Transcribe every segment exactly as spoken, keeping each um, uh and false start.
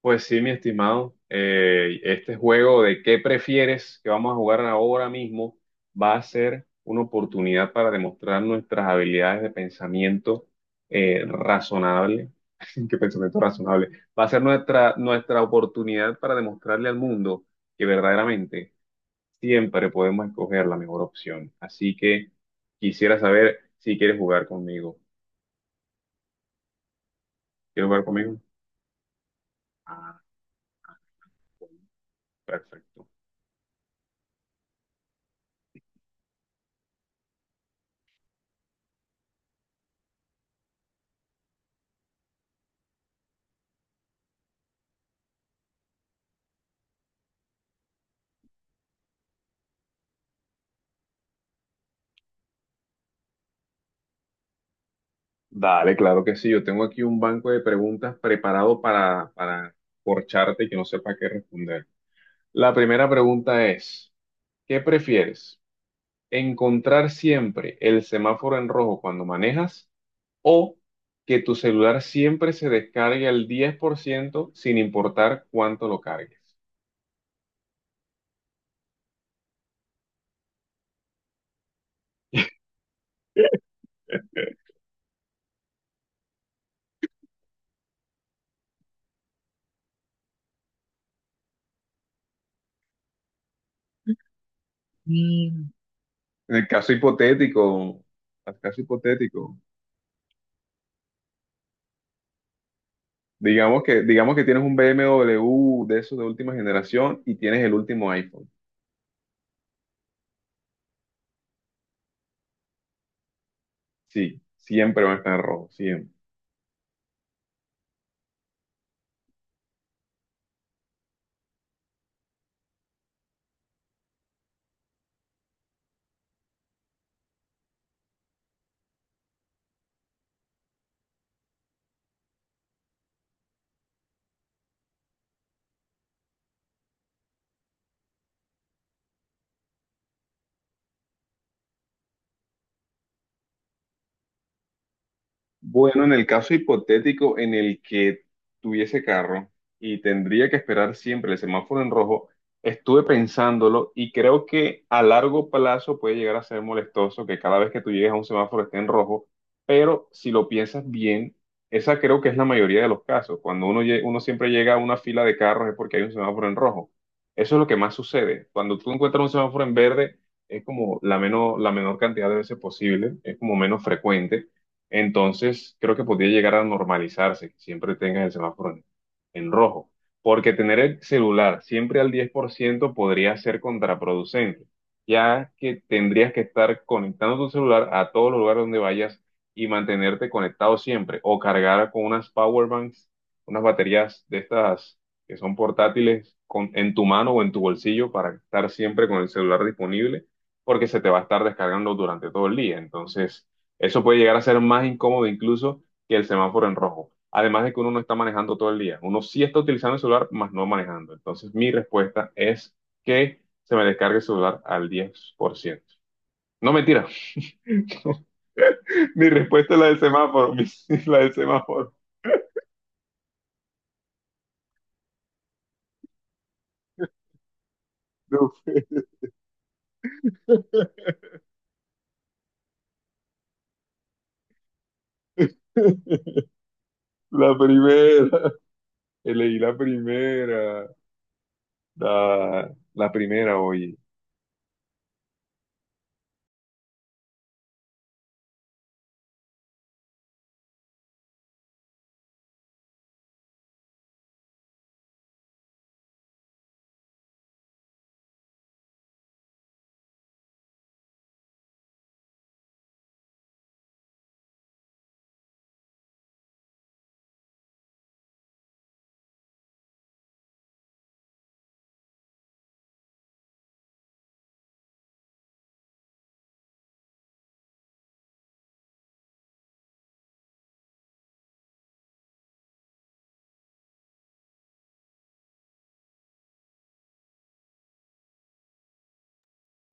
Pues sí, mi estimado, eh, este juego de qué prefieres que vamos a jugar ahora mismo va a ser una oportunidad para demostrar nuestras habilidades de pensamiento eh, razonable. ¿Qué pensamiento razonable? Va a ser nuestra, nuestra oportunidad para demostrarle al mundo que verdaderamente siempre podemos escoger la mejor opción. Así que quisiera saber si quieres jugar conmigo. ¿Quieres jugar conmigo? Perfecto. Dale, claro que sí. Yo tengo aquí un banco de preguntas preparado para, para corcharte y que no sepa qué responder. La primera pregunta es, ¿qué prefieres? ¿Encontrar siempre el semáforo en rojo cuando manejas o que tu celular siempre se descargue al diez por ciento sin importar cuánto lo cargues? En el caso hipotético, el caso hipotético, digamos que, digamos que tienes un B M W de esos de última generación y tienes el último iPhone. Sí, siempre van a estar en rojo, siempre. Bueno, en el caso hipotético en el que tuviese carro y tendría que esperar siempre el semáforo en rojo, estuve pensándolo y creo que a largo plazo puede llegar a ser molestoso que cada vez que tú llegues a un semáforo esté en rojo, pero si lo piensas bien, esa creo que es la mayoría de los casos. Cuando uno, lle- uno siempre llega a una fila de carros es porque hay un semáforo en rojo. Eso es lo que más sucede. Cuando tú encuentras un semáforo en verde, es como la, menos, la menor cantidad de veces posible, es como menos frecuente, entonces creo que podría llegar a normalizarse, que siempre tengas el semáforo en, en rojo, porque tener el celular siempre al diez por ciento podría ser contraproducente, ya que tendrías que estar conectando tu celular a todos los lugares donde vayas y mantenerte conectado siempre, o cargar con unas power banks, unas baterías de estas que son portátiles con- en tu mano o en tu bolsillo para estar siempre con el celular disponible, porque se te va a estar descargando durante todo el día, entonces eso puede llegar a ser más incómodo incluso que el semáforo en rojo. Además de que uno no está manejando todo el día. Uno sí está utilizando el celular, más no manejando. Entonces, mi respuesta es que se me descargue el celular al diez por ciento. No, mentira. Mi respuesta es la del semáforo. Mi- la del semáforo. No, sé. La primera. Elegí la primera. La, la primera, oye.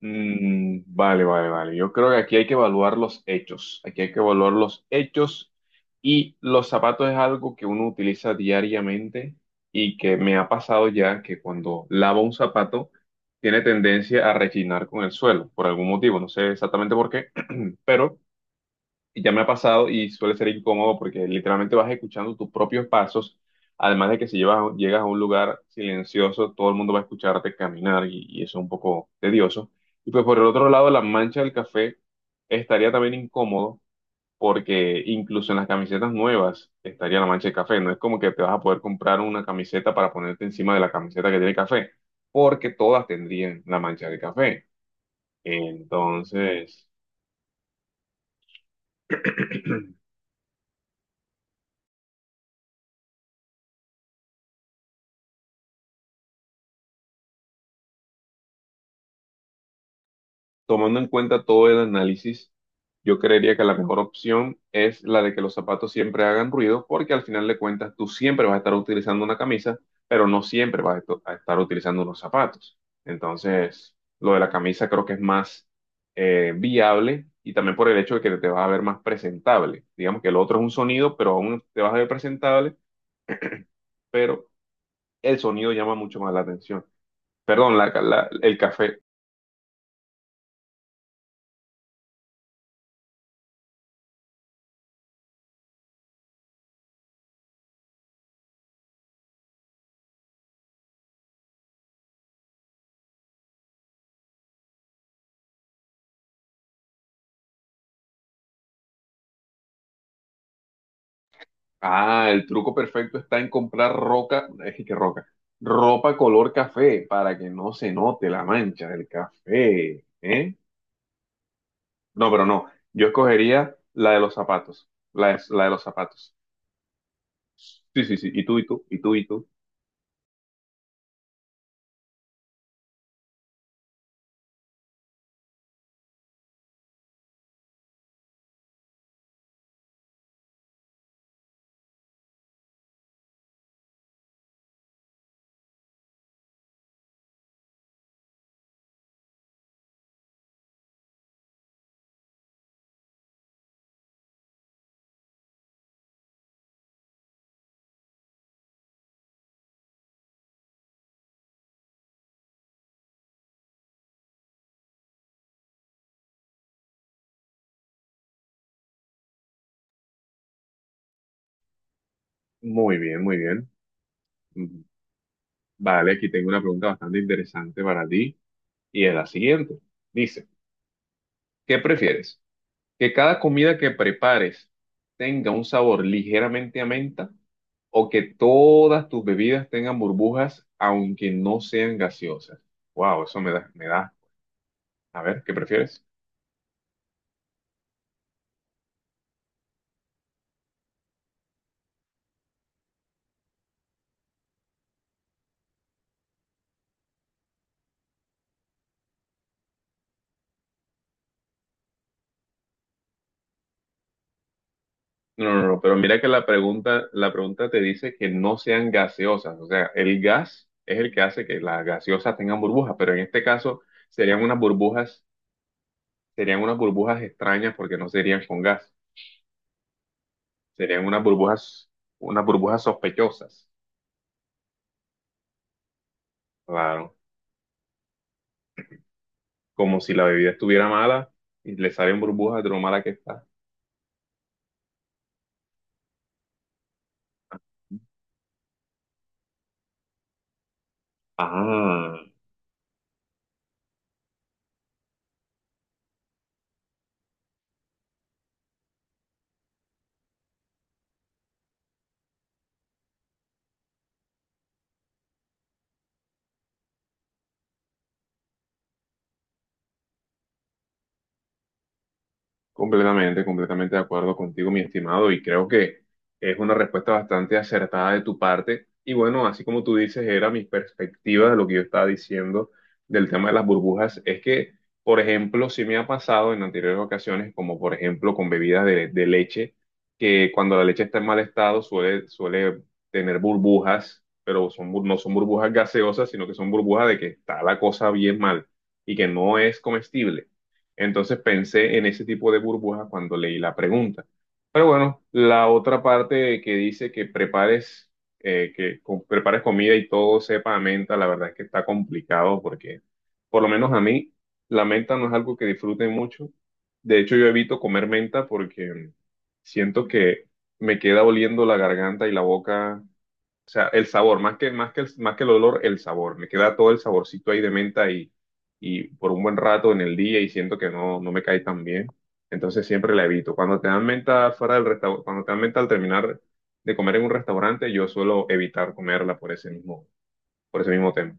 Mm, vale, vale, vale. Yo creo que aquí hay que evaluar los hechos. Aquí hay que evaluar los hechos y los zapatos es algo que uno utiliza diariamente y que me ha pasado ya que cuando lavo un zapato tiene tendencia a rechinar con el suelo por algún motivo. No sé exactamente por qué, pero y ya me ha pasado y suele ser incómodo porque literalmente vas escuchando tus propios pasos, además de que si llevas- llegas a un lugar silencioso, todo el mundo va a escucharte caminar y, y eso es un poco tedioso. Y pues por el otro lado, la mancha del café estaría también incómodo porque incluso en las camisetas nuevas estaría la mancha de café. No es como que te vas a poder comprar una camiseta para ponerte encima de la camiseta que tiene café, porque todas tendrían la mancha de café. Entonces... Tomando en cuenta todo el análisis, yo creería que la mejor opción es la de que los zapatos siempre hagan ruido, porque al final de cuentas tú siempre vas a estar utilizando una camisa, pero no siempre vas a esto- a estar utilizando unos zapatos. Entonces, lo de la camisa creo que es más eh, viable y también por el hecho de que te vas a ver más presentable. Digamos que el otro es un sonido, pero aún te vas a ver presentable, pero el sonido llama mucho más la atención. Perdón, la- la- el café. Ah, el truco perfecto está en comprar roca, es que roca, ropa color café para que no se note la mancha del café, ¿eh? No, pero no, yo escogería la de los zapatos, la de, la de los zapatos. Sí, sí, sí, y tú, y tú, y tú, y tú. Muy bien, muy bien. Mm, vale, aquí tengo una pregunta bastante interesante para ti y es la siguiente. Dice, ¿qué prefieres? Que cada comida que prepares tenga un sabor ligeramente a menta o que todas tus bebidas tengan burbujas aunque no sean gaseosas. Wow, eso me da, me da. A ver, ¿qué prefieres? No, no, no, no, pero mira que la pregunta, la pregunta te dice que no sean gaseosas. O sea, el gas es el que hace que las gaseosas tengan burbujas, pero en este caso serían unas burbujas, serían unas burbujas extrañas porque no serían con gas, serían unas burbujas, unas burbujas sospechosas. Claro. Como si la bebida estuviera mala y le salen burbujas de lo mala que está. Ah, completamente, completamente de acuerdo contigo, mi estimado, y creo que es una respuesta bastante acertada de tu parte. Y bueno, así como tú dices, era mi perspectiva de lo que yo estaba diciendo del tema de las burbujas, es que, por ejemplo, sí me ha pasado en anteriores ocasiones, como por ejemplo con bebidas de, de leche, que cuando la leche está en mal estado suele, suele tener burbujas, pero son, bur- no son burbujas gaseosas, sino que son burbujas de que está la cosa bien mal y que no es comestible. Entonces pensé en ese tipo de burbuja cuando leí la pregunta. Pero bueno, la otra parte que dice que prepares, eh, que co- prepares comida y todo sepa a menta, la verdad es que está complicado porque, por lo menos a mí, la menta no es algo que disfrute mucho. De hecho, yo evito comer menta porque siento que me queda oliendo la garganta y la boca, o sea, el sabor, más que, más que el, más que el olor, el sabor. Me queda todo el saborcito ahí de menta y, y por un buen rato en el día y siento que no, no me cae tan bien. Entonces siempre la evito. Cuando te dan menta fuera del restaurante, cuando te dan menta al terminar de comer en un restaurante, yo suelo evitar comerla por ese mismo, por ese mismo tema.